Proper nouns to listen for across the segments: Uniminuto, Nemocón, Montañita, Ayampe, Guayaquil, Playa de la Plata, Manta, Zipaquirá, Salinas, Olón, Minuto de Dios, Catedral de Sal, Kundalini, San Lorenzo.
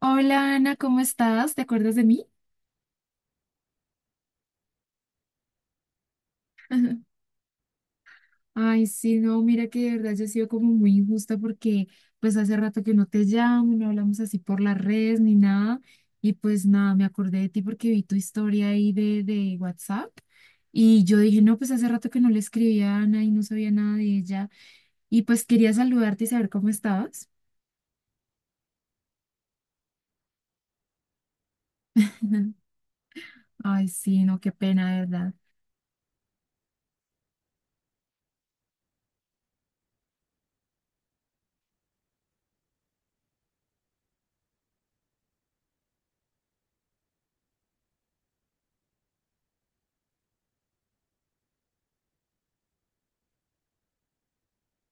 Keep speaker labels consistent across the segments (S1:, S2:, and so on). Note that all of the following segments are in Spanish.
S1: Hola, Ana, ¿cómo estás? ¿Te acuerdas de mí? Ay, sí, no, mira que de verdad yo he sido como muy injusta porque pues hace rato que no te llamo, no hablamos así por las redes ni nada. Y pues nada, me acordé de ti porque vi tu historia ahí de WhatsApp, y yo dije, no, pues hace rato que no le escribía a Ana y no sabía nada de ella, y pues quería saludarte y saber cómo estabas. Ay, sí, no, qué pena, de verdad.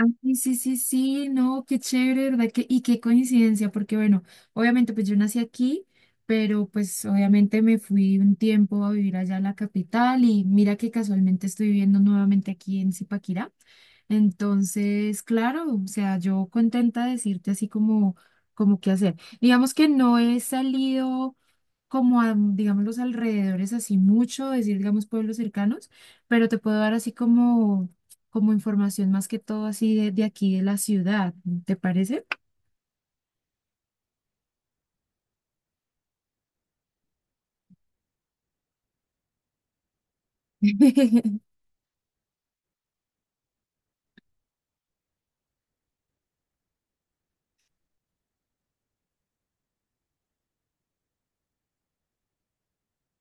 S1: Ah, sí, sí, sí, sí, no, qué chévere, ¿verdad? Que y qué coincidencia, porque bueno, obviamente pues yo nací aquí, pero pues obviamente me fui un tiempo a vivir allá a la capital, y mira que casualmente estoy viviendo nuevamente aquí en Zipaquirá. Entonces, claro, o sea, yo contenta de decirte así como qué hacer. Digamos que no he salido como a, digamos, los alrededores así mucho, decir, digamos, pueblos cercanos, pero te puedo dar así como, como información más que todo así de aquí de la ciudad, ¿te parece?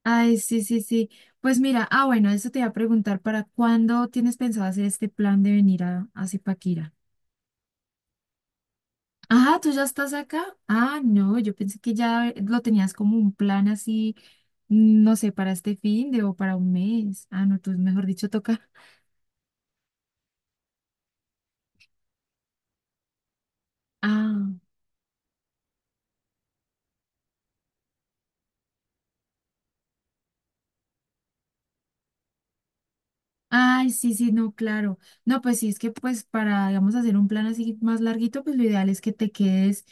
S1: Ay, sí, sí, sí. Pues mira, ah, bueno, eso te iba a preguntar, ¿para cuándo tienes pensado hacer este plan de venir a Zipaquirá? Ah, ¿tú ya estás acá? Ah, no, yo pensé que ya lo tenías como un plan así, no sé, para este fin de o para un mes. Ah, no, tú mejor dicho, toca. Ah. Ay, sí, sí, no, claro. No, pues sí, es que pues para, digamos, hacer un plan así más larguito, pues lo ideal es que te quedes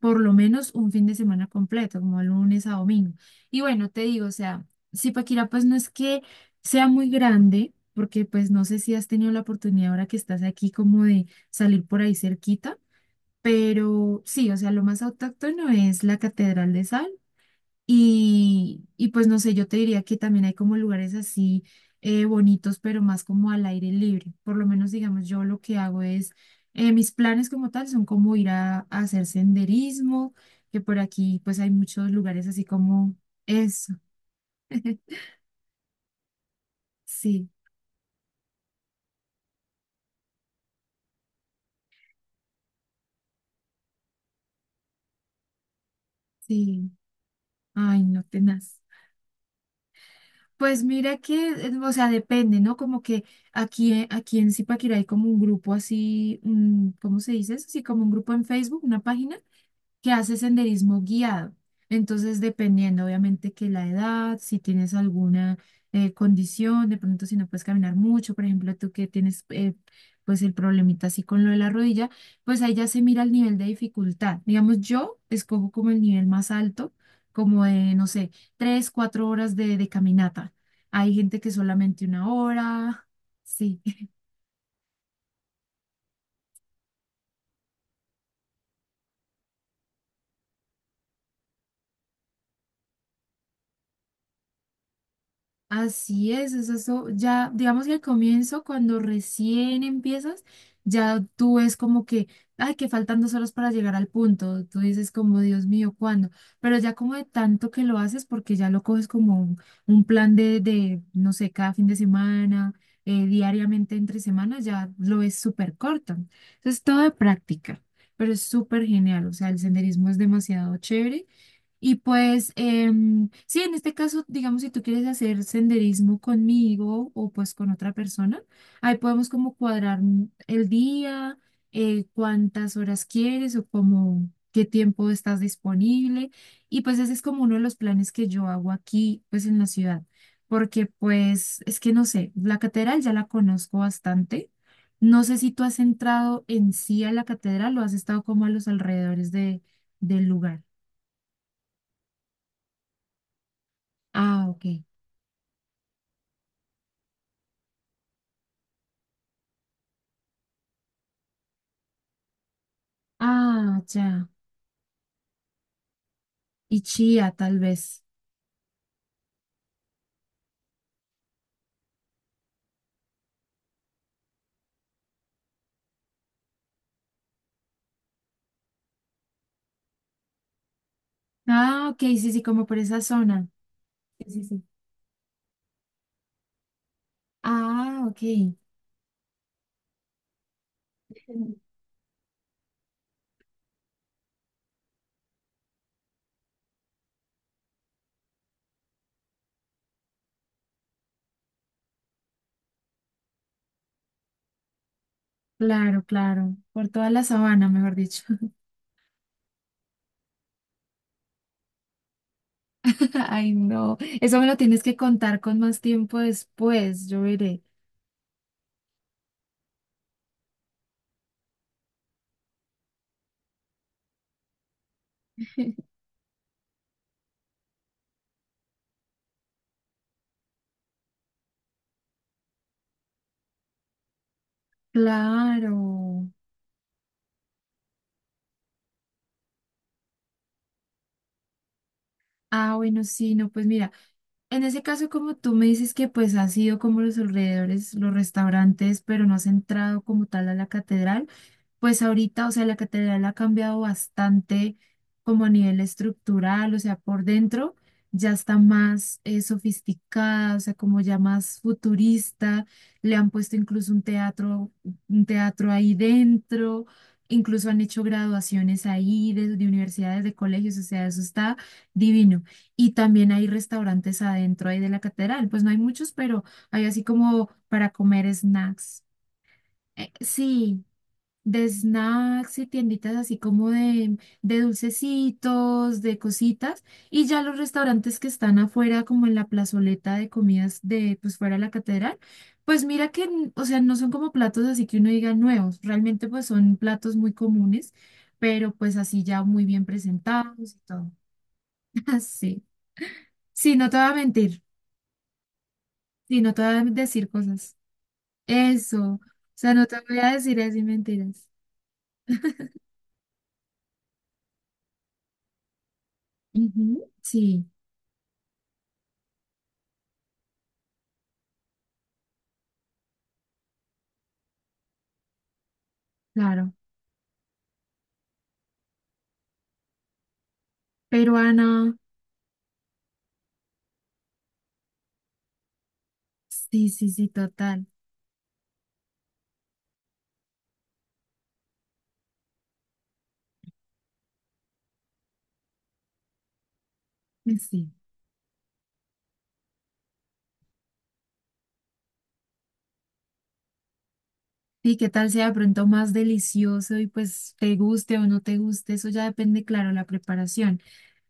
S1: por lo menos un fin de semana completo, como de lunes a domingo. Y bueno, te digo, o sea, Zipaquirá pues no es que sea muy grande, porque pues no sé si has tenido la oportunidad ahora que estás aquí como de salir por ahí cerquita, pero sí, o sea, lo más autóctono es la Catedral de Sal, y pues no sé, yo te diría que también hay como lugares así bonitos, pero más como al aire libre. Por lo menos, digamos, yo lo que hago es, mis planes como tal son como ir a hacer senderismo, que por aquí pues hay muchos lugares así como eso. Sí, sí. Ay, no, tenaz. Pues mira que, o sea, depende, ¿no? Como que aquí en Zipaquirá hay como un grupo así, ¿cómo se dice eso? Así como un grupo en Facebook, una página que hace senderismo guiado. Entonces, dependiendo obviamente que la edad, si tienes alguna condición, de pronto si no puedes caminar mucho, por ejemplo, tú que tienes pues el problemita así con lo de la rodilla, pues ahí ya se mira el nivel de dificultad. Digamos, yo escojo como el nivel más alto, como de, no sé, 3, 4 horas de caminata. Hay gente que solamente una hora, sí. Así es eso, ya digamos que al comienzo, cuando recién empiezas, ya tú ves como que, ay, que faltan 2 horas para llegar al punto, tú dices como, Dios mío, ¿cuándo? Pero ya como de tanto que lo haces, porque ya lo coges como un plan de, no sé, cada fin de semana, diariamente entre semanas, ya lo ves súper corto. Entonces, todo de práctica, pero es súper genial, o sea, el senderismo es demasiado chévere, y pues, sí, en este caso, digamos, si tú quieres hacer senderismo conmigo o pues con otra persona, ahí podemos como cuadrar el día, cuántas horas quieres o como qué tiempo estás disponible. Y pues ese es como uno de los planes que yo hago aquí, pues en la ciudad, porque pues es que no sé, la catedral ya la conozco bastante. No sé si tú has entrado en sí a la catedral o has estado como a los alrededores de, del lugar. Ah, ok. Ah, ya. Y Chía, tal vez. Ah, ok, sí, sí, como por esa zona. Sí, sí, sí. Ah, ok. Claro, claro. Por toda la sabana, mejor dicho. Ay, no. Eso me lo tienes que contar con más tiempo después, yo veré. Claro. Ah, bueno, sí, no, pues mira, en ese caso, como tú me dices que pues has ido como los alrededores, los restaurantes, pero no has entrado como tal a la catedral, pues ahorita, o sea, la catedral ha cambiado bastante como a nivel estructural, o sea, por dentro ya está más sofisticada, o sea, como ya más futurista. Le han puesto incluso un teatro ahí dentro. Incluso han hecho graduaciones ahí de universidades, de colegios, o sea, eso está divino. Y también hay restaurantes adentro ahí de la catedral. Pues no hay muchos, pero hay así como para comer snacks. Sí, de snacks y tienditas así como de dulcecitos, de cositas. Y ya los restaurantes que están afuera, como en la plazoleta de comidas de, pues fuera de la catedral, pues mira que, o sea, no son como platos así que uno diga nuevos. Realmente pues son platos muy comunes, pero pues así ya muy bien presentados y todo. Así. Sí, no te voy a mentir. Sí, no te voy a decir cosas. Eso. O sea, no te voy a decir así mentiras. Ujú, sí, claro. Peruana. Sí, sí, sí, total. Sí. Y qué tal sea de pronto más delicioso y pues te guste o no te guste, eso ya depende, claro, la preparación.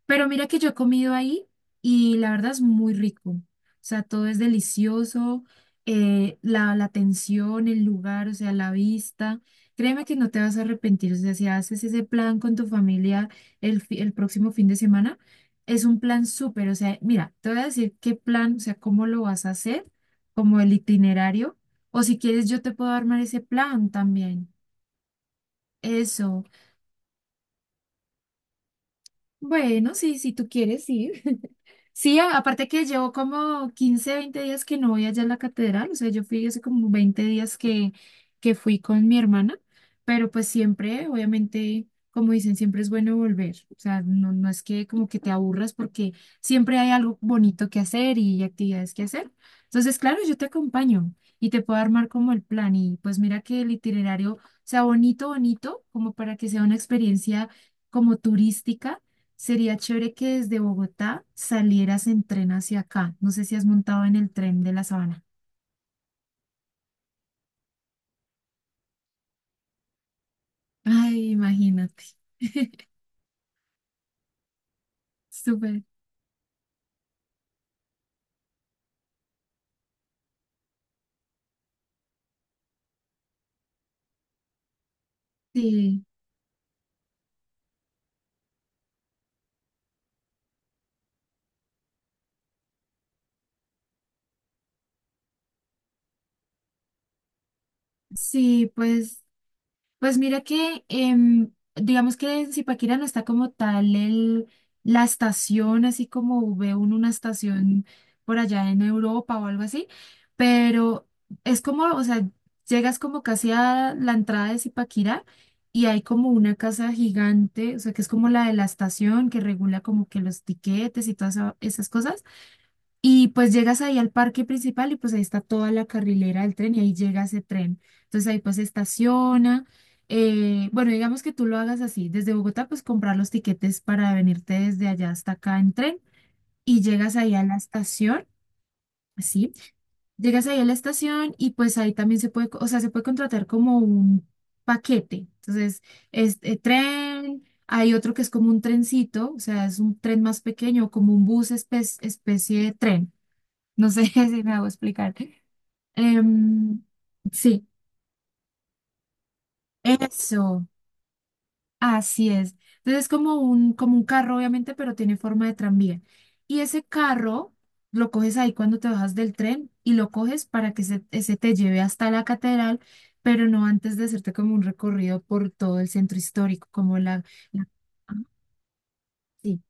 S1: Pero mira que yo he comido ahí y la verdad es muy rico. O sea, todo es delicioso, la atención, el lugar, o sea, la vista. Créeme que no te vas a arrepentir. O sea, si haces ese plan con tu familia el próximo fin de semana, es un plan súper. O sea, mira, te voy a decir qué plan, o sea, cómo lo vas a hacer, como el itinerario. O si quieres, yo te puedo armar ese plan también. Eso. Bueno, sí, si tú quieres, sí. Sí, aparte que llevo como 15, 20 días que no voy allá a la catedral, o sea, yo fui hace como 20 días que fui con mi hermana, pero pues siempre, obviamente, como dicen, siempre es bueno volver, o sea, no, no es que como que te aburras porque siempre hay algo bonito que hacer y actividades que hacer. Entonces, claro, yo te acompaño y te puedo armar como el plan y pues mira que el itinerario sea bonito, bonito, como para que sea una experiencia como turística. Sería chévere que desde Bogotá salieras en tren hacia acá. No sé si has montado en el tren de la Sabana. Ay, imagínate. Súper. Sí, sí, pues mira que, digamos que en Zipaquirá no está como tal el, la estación, así como ve uno una estación por allá en Europa o algo así, pero es como, o sea, llegas como casi a la entrada de Zipaquirá y hay como una casa gigante, o sea, que es como la de la estación que regula como que los tiquetes y todas esas cosas. Y pues llegas ahí al parque principal y pues ahí está toda la carrilera del tren y ahí llega ese tren. Entonces ahí pues estaciona. Bueno, digamos que tú lo hagas así. Desde Bogotá pues comprar los tiquetes para venirte desde allá hasta acá en tren y llegas ahí a la estación. Así. Llegas ahí a la estación y pues ahí también se puede, o sea, se puede contratar como un paquete. Entonces, este tren, hay otro que es como un trencito, o sea, es un tren más pequeño, como un bus especie de tren. No sé si me hago explicar. Em, sí, eso, así es. Entonces es como un, carro, obviamente, pero tiene forma de tranvía. Y ese carro lo coges ahí cuando te bajas del tren y lo coges para que se, ese te lleve hasta la catedral, pero no antes de hacerte como un recorrido por todo el centro histórico, como la... la- ah, sí.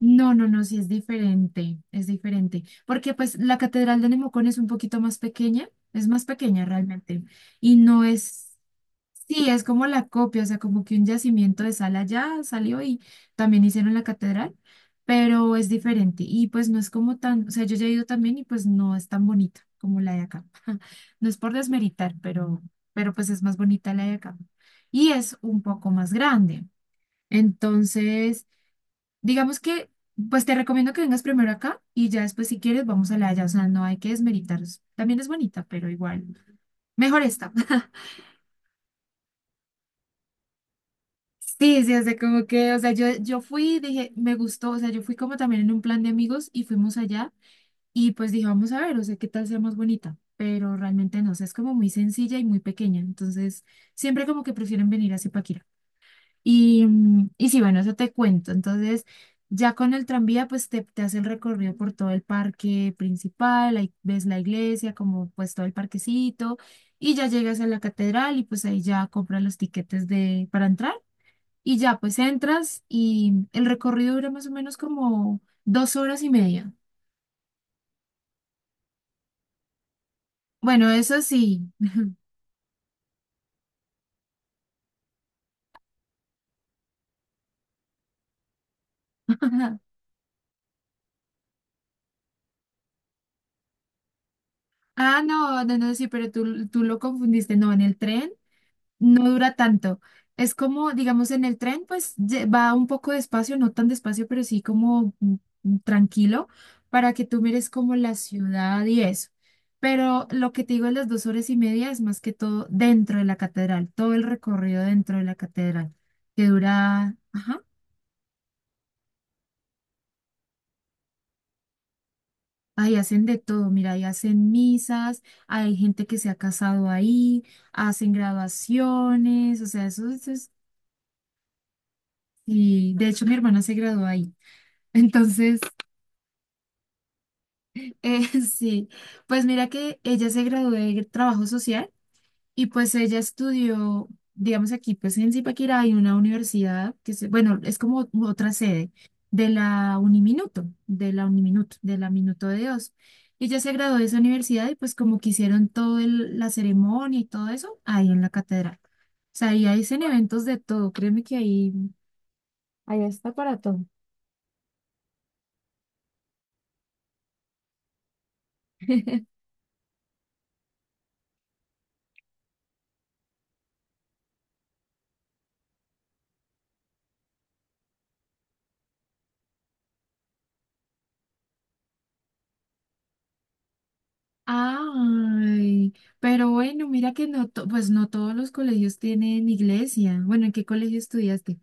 S1: No, no, no, sí es diferente, porque pues la Catedral de Nemocón es un poquito más pequeña, es más pequeña realmente, y no es, sí, es como la copia, o sea, como que un yacimiento de sal allá salió y también hicieron la catedral, pero es diferente, y pues no es como tan, o sea, yo ya he ido también y pues no es tan bonita como la de acá, no es por desmeritar, pero pues es más bonita la de acá, y es un poco más grande. Entonces, digamos que, pues te recomiendo que vengas primero acá y ya después si quieres vamos a la de allá, o sea, no hay que desmeritar. También es bonita, pero igual, mejor esta. Sí, sí, o sea, como que, o sea, yo fui, dije, me gustó, o sea, yo fui como también en un plan de amigos y fuimos allá, y pues dije, vamos a ver, o sea, qué tal sea más bonita, pero realmente no, o sea, es como muy sencilla y muy pequeña, entonces siempre como que prefieren venir a Zipaquirá. Y sí, bueno, eso te cuento. Entonces, ya con el tranvía, pues te hace el recorrido por todo el parque principal, ahí ves la iglesia, como pues todo el parquecito, y ya llegas a la catedral y pues ahí ya compras los tiquetes de, para entrar y ya pues entras y el recorrido dura más o menos como 2 horas y media. Bueno, eso sí. Ah, no, no, no, sí, pero tú lo confundiste. No, en el tren no dura tanto. Es como, digamos, en el tren, pues va un poco despacio, no tan despacio, pero sí como tranquilo, para que tú mires como la ciudad y eso. Pero lo que te digo de las 2 horas y media es más que todo dentro de la catedral, todo el recorrido dentro de la catedral, que dura, ajá, ahí hacen de todo, mira, ahí hacen misas, hay gente que se ha casado ahí, hacen graduaciones, o sea, eso es, y de hecho mi hermana se graduó ahí. Entonces, sí, pues mira que ella se graduó de trabajo social y pues ella estudió, digamos aquí, pues en Zipaquirá hay una universidad que se, bueno, es como otra sede de la Uniminuto, de la Minuto de Dios. Y ella se graduó de esa universidad y pues como que hicieron toda la ceremonia y todo eso ahí en la catedral. O sea, ahí hacen eventos de todo, créeme que ahí está para todo. Ay, pero bueno, mira que no, pues no todos los colegios tienen iglesia. Bueno, ¿en qué colegio estudiaste?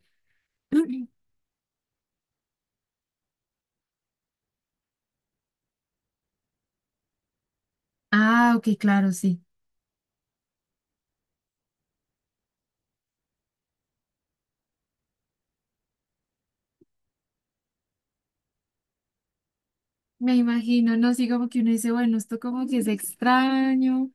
S1: Ah, ok, claro, sí. Me imagino, no, sí, como que uno dice, bueno, esto como que es extraño,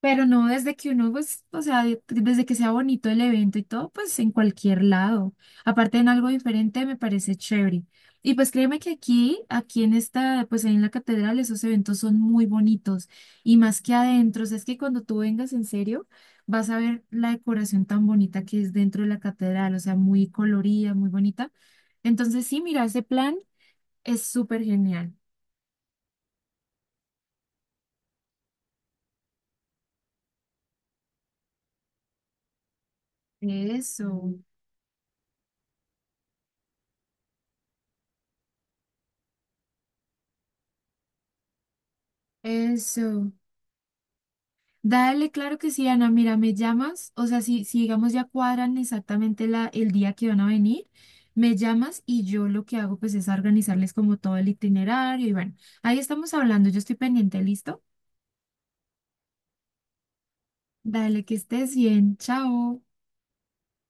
S1: pero no desde que uno, pues, o sea, desde que sea bonito el evento y todo, pues en cualquier lado. Aparte en algo diferente me parece chévere. Y pues créeme que aquí, en esta, pues ahí en la catedral, esos eventos son muy bonitos. Y más que adentro, o sea, es que cuando tú vengas en serio, vas a ver la decoración tan bonita que es dentro de la catedral, o sea, muy colorida, muy bonita. Entonces sí, mira, ese plan es súper genial. Eso, eso. Dale, claro que sí, Ana. Mira, me llamas, o sea, si digamos ya cuadran exactamente la, el día que van a venir, me llamas y yo lo que hago pues es organizarles como todo el itinerario y bueno, ahí estamos hablando, yo estoy pendiente, ¿listo? Dale, que estés bien, chao.